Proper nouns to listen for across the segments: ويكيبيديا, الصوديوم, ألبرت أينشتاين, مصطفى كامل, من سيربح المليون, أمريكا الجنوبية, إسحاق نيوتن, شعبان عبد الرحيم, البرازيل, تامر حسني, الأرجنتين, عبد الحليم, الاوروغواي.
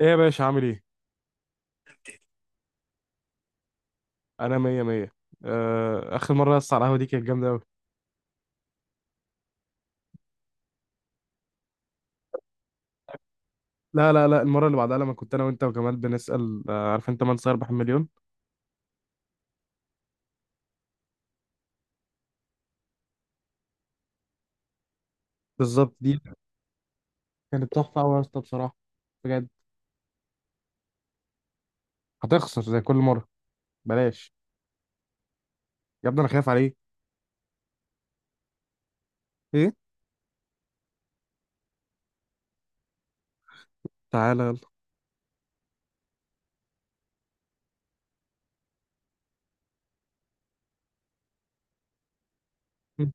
ايه يا باشا عامل ايه؟ انا مية مية. اخر مرة يا اسطى على القهوة دي كانت جامدة اوي. لا لا لا، المرة اللي بعدها لما كنت انا وانت وجمال بنسأل، عارف انت من سيربح المليون. بالظبط دي كانت تحفة اوي يا اسطى بصراحة. بجد. هتخسر زي كل مرة. بلاش يا ابني، انا خايف عليه. ايه؟ تعالى يلا. م-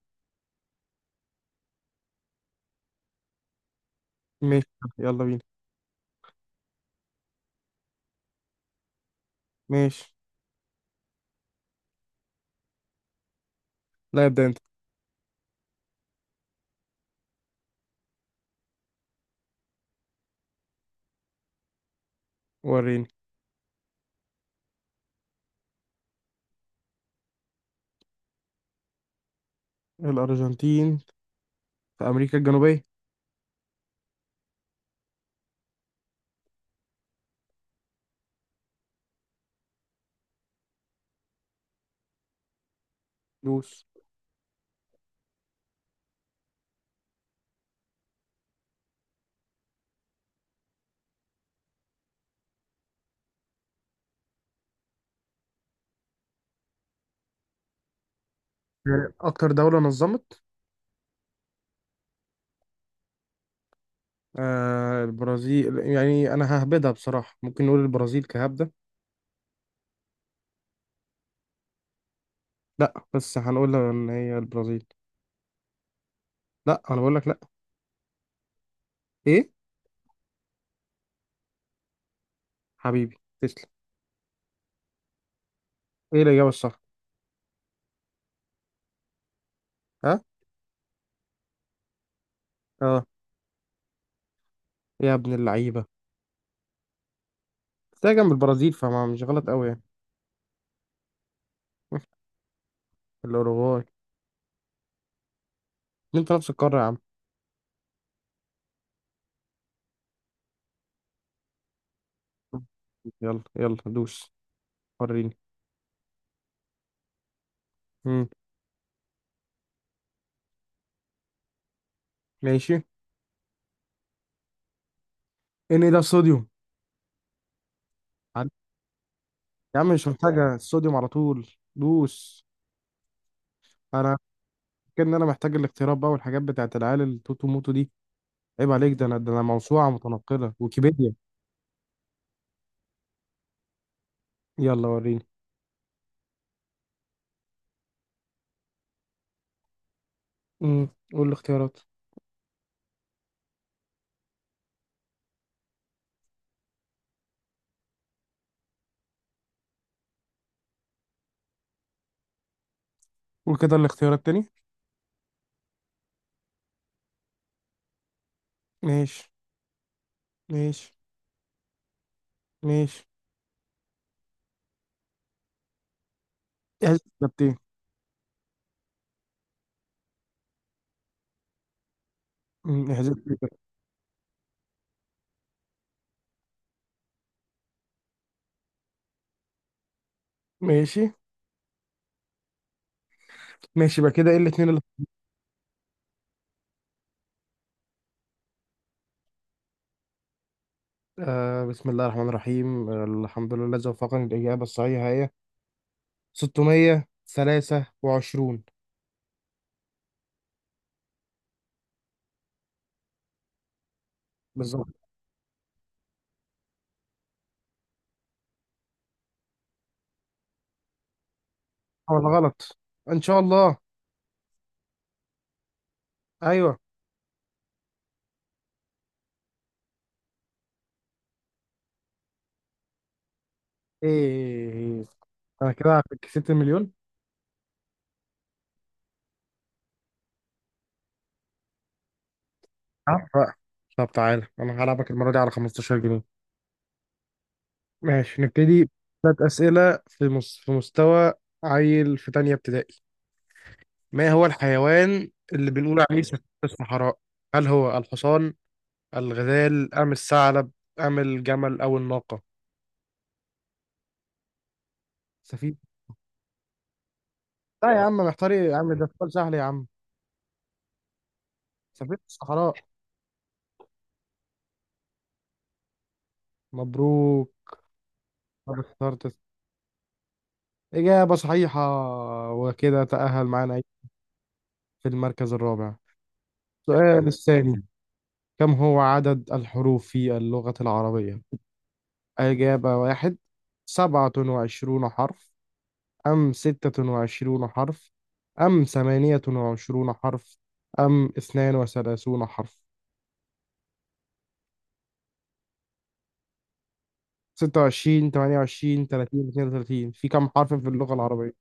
ماشي، يلا بينا. ماشي، لا ابدأ انت. وريني. الأرجنتين في أمريكا الجنوبية. دوس. أكتر دولة نظمت؟ آه، البرازيل، يعني أنا ههبدها بصراحة. ممكن نقول البرازيل كهبدة. لا، بس هنقول ان هي البرازيل. لا، انا بقول لك لا. ايه. حبيبي تسلم. ايه الاجابه الصح. ها. اه. يا ابن اللعيبه. تلاقي جنب البرازيل، فما مش غلط قوي يعني. الاوروغواي. انت نفس القاره يا عم. يلا يلا دوس. وريني. امم ماشي. ان ايه ده الصوديوم. عد- يا عم مش محتاجه، الصوديوم على طول. دوس. انا فاكر ان انا محتاج الاختيارات بقى والحاجات بتاعت العيال التوتو موتو دي. عيب عليك، ده انا، ده انا موسوعه متنقله ويكيبيديا. يلا وريني. قول الاختيارات. قول كده الاختيارات تاني. ماشي. ماشي. ماشي. احذفنا بتين. احذفنا بتين. ماشي. ماشي بقى كده، ايه الاتنين اللي... آه، بسم الله الرحمن الرحيم، آه، الحمد لله الذي وفقني، للإجابة الصحيحة هي 623. بالظبط. ولا غلط. ان شاء الله. ايوه. ايه. انا كده كسبت المليون. عارف بقى. طب تعالى انا هلعبك المرة دي على 15 جنيه. ماشي نبتدي. ثلاث أسئلة في مستوى عيل في تانية ابتدائي. ما هو الحيوان اللي بنقول عليه سفينة الصحراء؟ هل هو الحصان، الغزال، أم الثعلب، أم الجمل، أو الناقة؟ سفينة. لا يا عم، محتار إيه يا عم، ده سؤال سهل يا عم. سفينة الصحراء. مبروك. ما اخترت. إجابة صحيحة. وكده تأهل معانا في المركز الرابع. السؤال الثاني، كم هو عدد الحروف في اللغة العربية؟ إجابة واحد، 27 حرف، أم 26 حرف، أم 28 حرف، أم 32 حرف. 26، 28، 30، 32، في كم حرف في اللغة العربية؟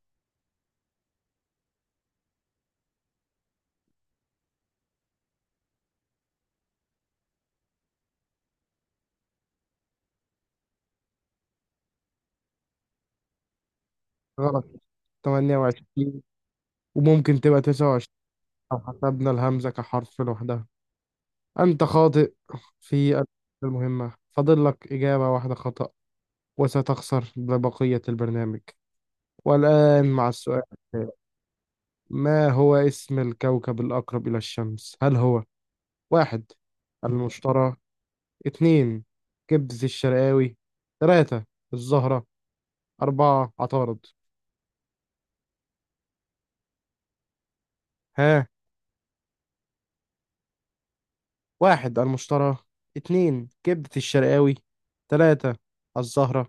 غلط. 28. وممكن تبقى 29 لو حسبنا الهمزة كحرف لوحدها. أنت خاطئ في المهمة. فاضل لك إجابة واحدة خطأ وستخسر لبقية البرنامج. والآن مع السؤال التالي، ما هو اسم الكوكب الأقرب إلى الشمس؟ هل هو: واحد، المشترى. اتنين، كبز الشرقاوي. تلاتة، الزهرة. أربعة، عطارد. ها؟ واحد، المشترى. اتنين، كبدة الشرقاوي. تلاتة، الزهرة.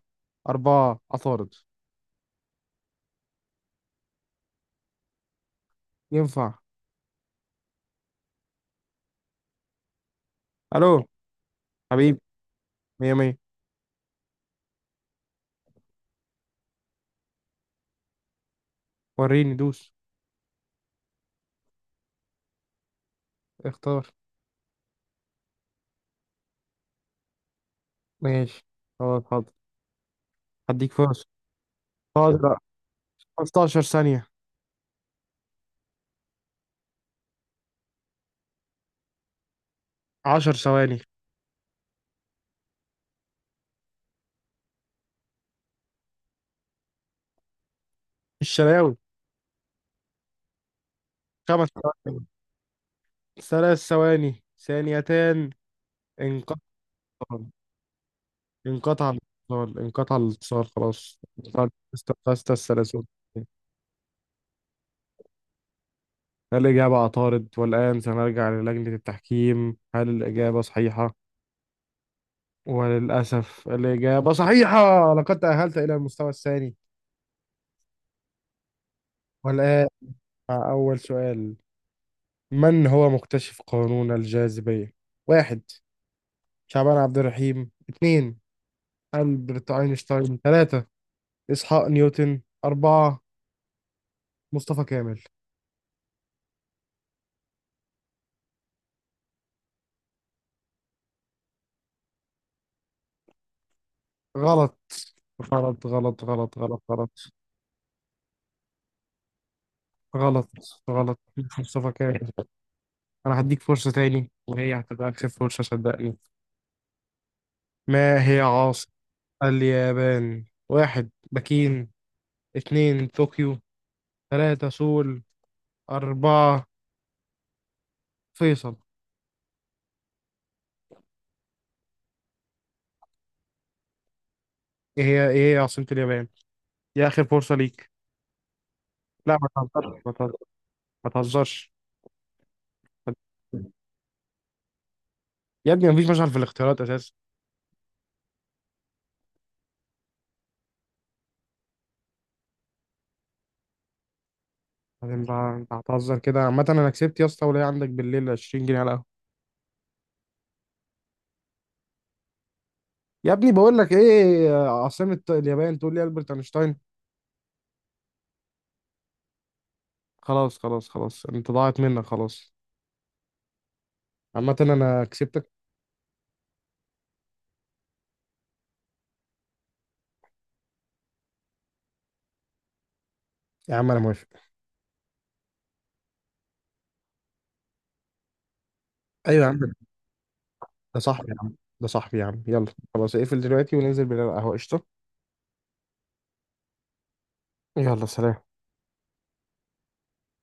أربعة، عطارد. ينفع؟ ألو. حبيبي مية مية. وريني دوس. اختار. ماشي خلاص، حاضر. هديك فرصة. حاضر. 15 ثانية. 10 ثواني. الشرقاوي. 5 ثواني. 3 ثواني. ثانيتان. انقطع. انقطع الاتصال. انقطع الاتصال خلاص. استقصت السلاسل. هل الإجابة عطارد؟ والآن سنرجع للجنة التحكيم. هل الإجابة صحيحة؟ وللأسف الإجابة صحيحة. لقد تأهلت إلى المستوى الثاني. والآن مع أول سؤال، من هو مكتشف قانون الجاذبية؟ واحد، شعبان عبد الرحيم. اثنين، ألبرت أينشتاين. ثلاثة، إسحاق نيوتن. أربعة، مصطفى كامل. غلط غلط غلط غلط غلط. غلط. غلط. غلط. مصطفى كامل. انا هديك فرصة تاني، وهي هتبقى اخر فرصة صدقني. ما هي عاصمة اليابان؟ واحد، بكين. اتنين، طوكيو. تلاتة، سول. أربعة، فيصل. ايه هي، ايه هي عاصمة اليابان؟ دي اخر فرصة ليك. لا ما تهزرش. ما تهزرش. ما تهزرش. يا ابني مفيش مشعل في الاختيارات اساسا. بعدين بقى، انت هتهزر كده؟ عامة انا كسبت، يا اسطى ولا عندك بالليل 20 جنيه على القهوة. يا ابني بقول لك ايه؟ عاصمة اليابان تقول لي ألبرت اينشتاين؟ خلاص خلاص خلاص، انت ضاعت منك خلاص. عامة انا كسبتك. يا عم انا موافق. ايوه يا عم. ده صاحبي يا عم، ده صاحبي يا عم، يلا. خلاص اقفل دلوقتي وننزل بالقهوة. قشطة. يلا سلام.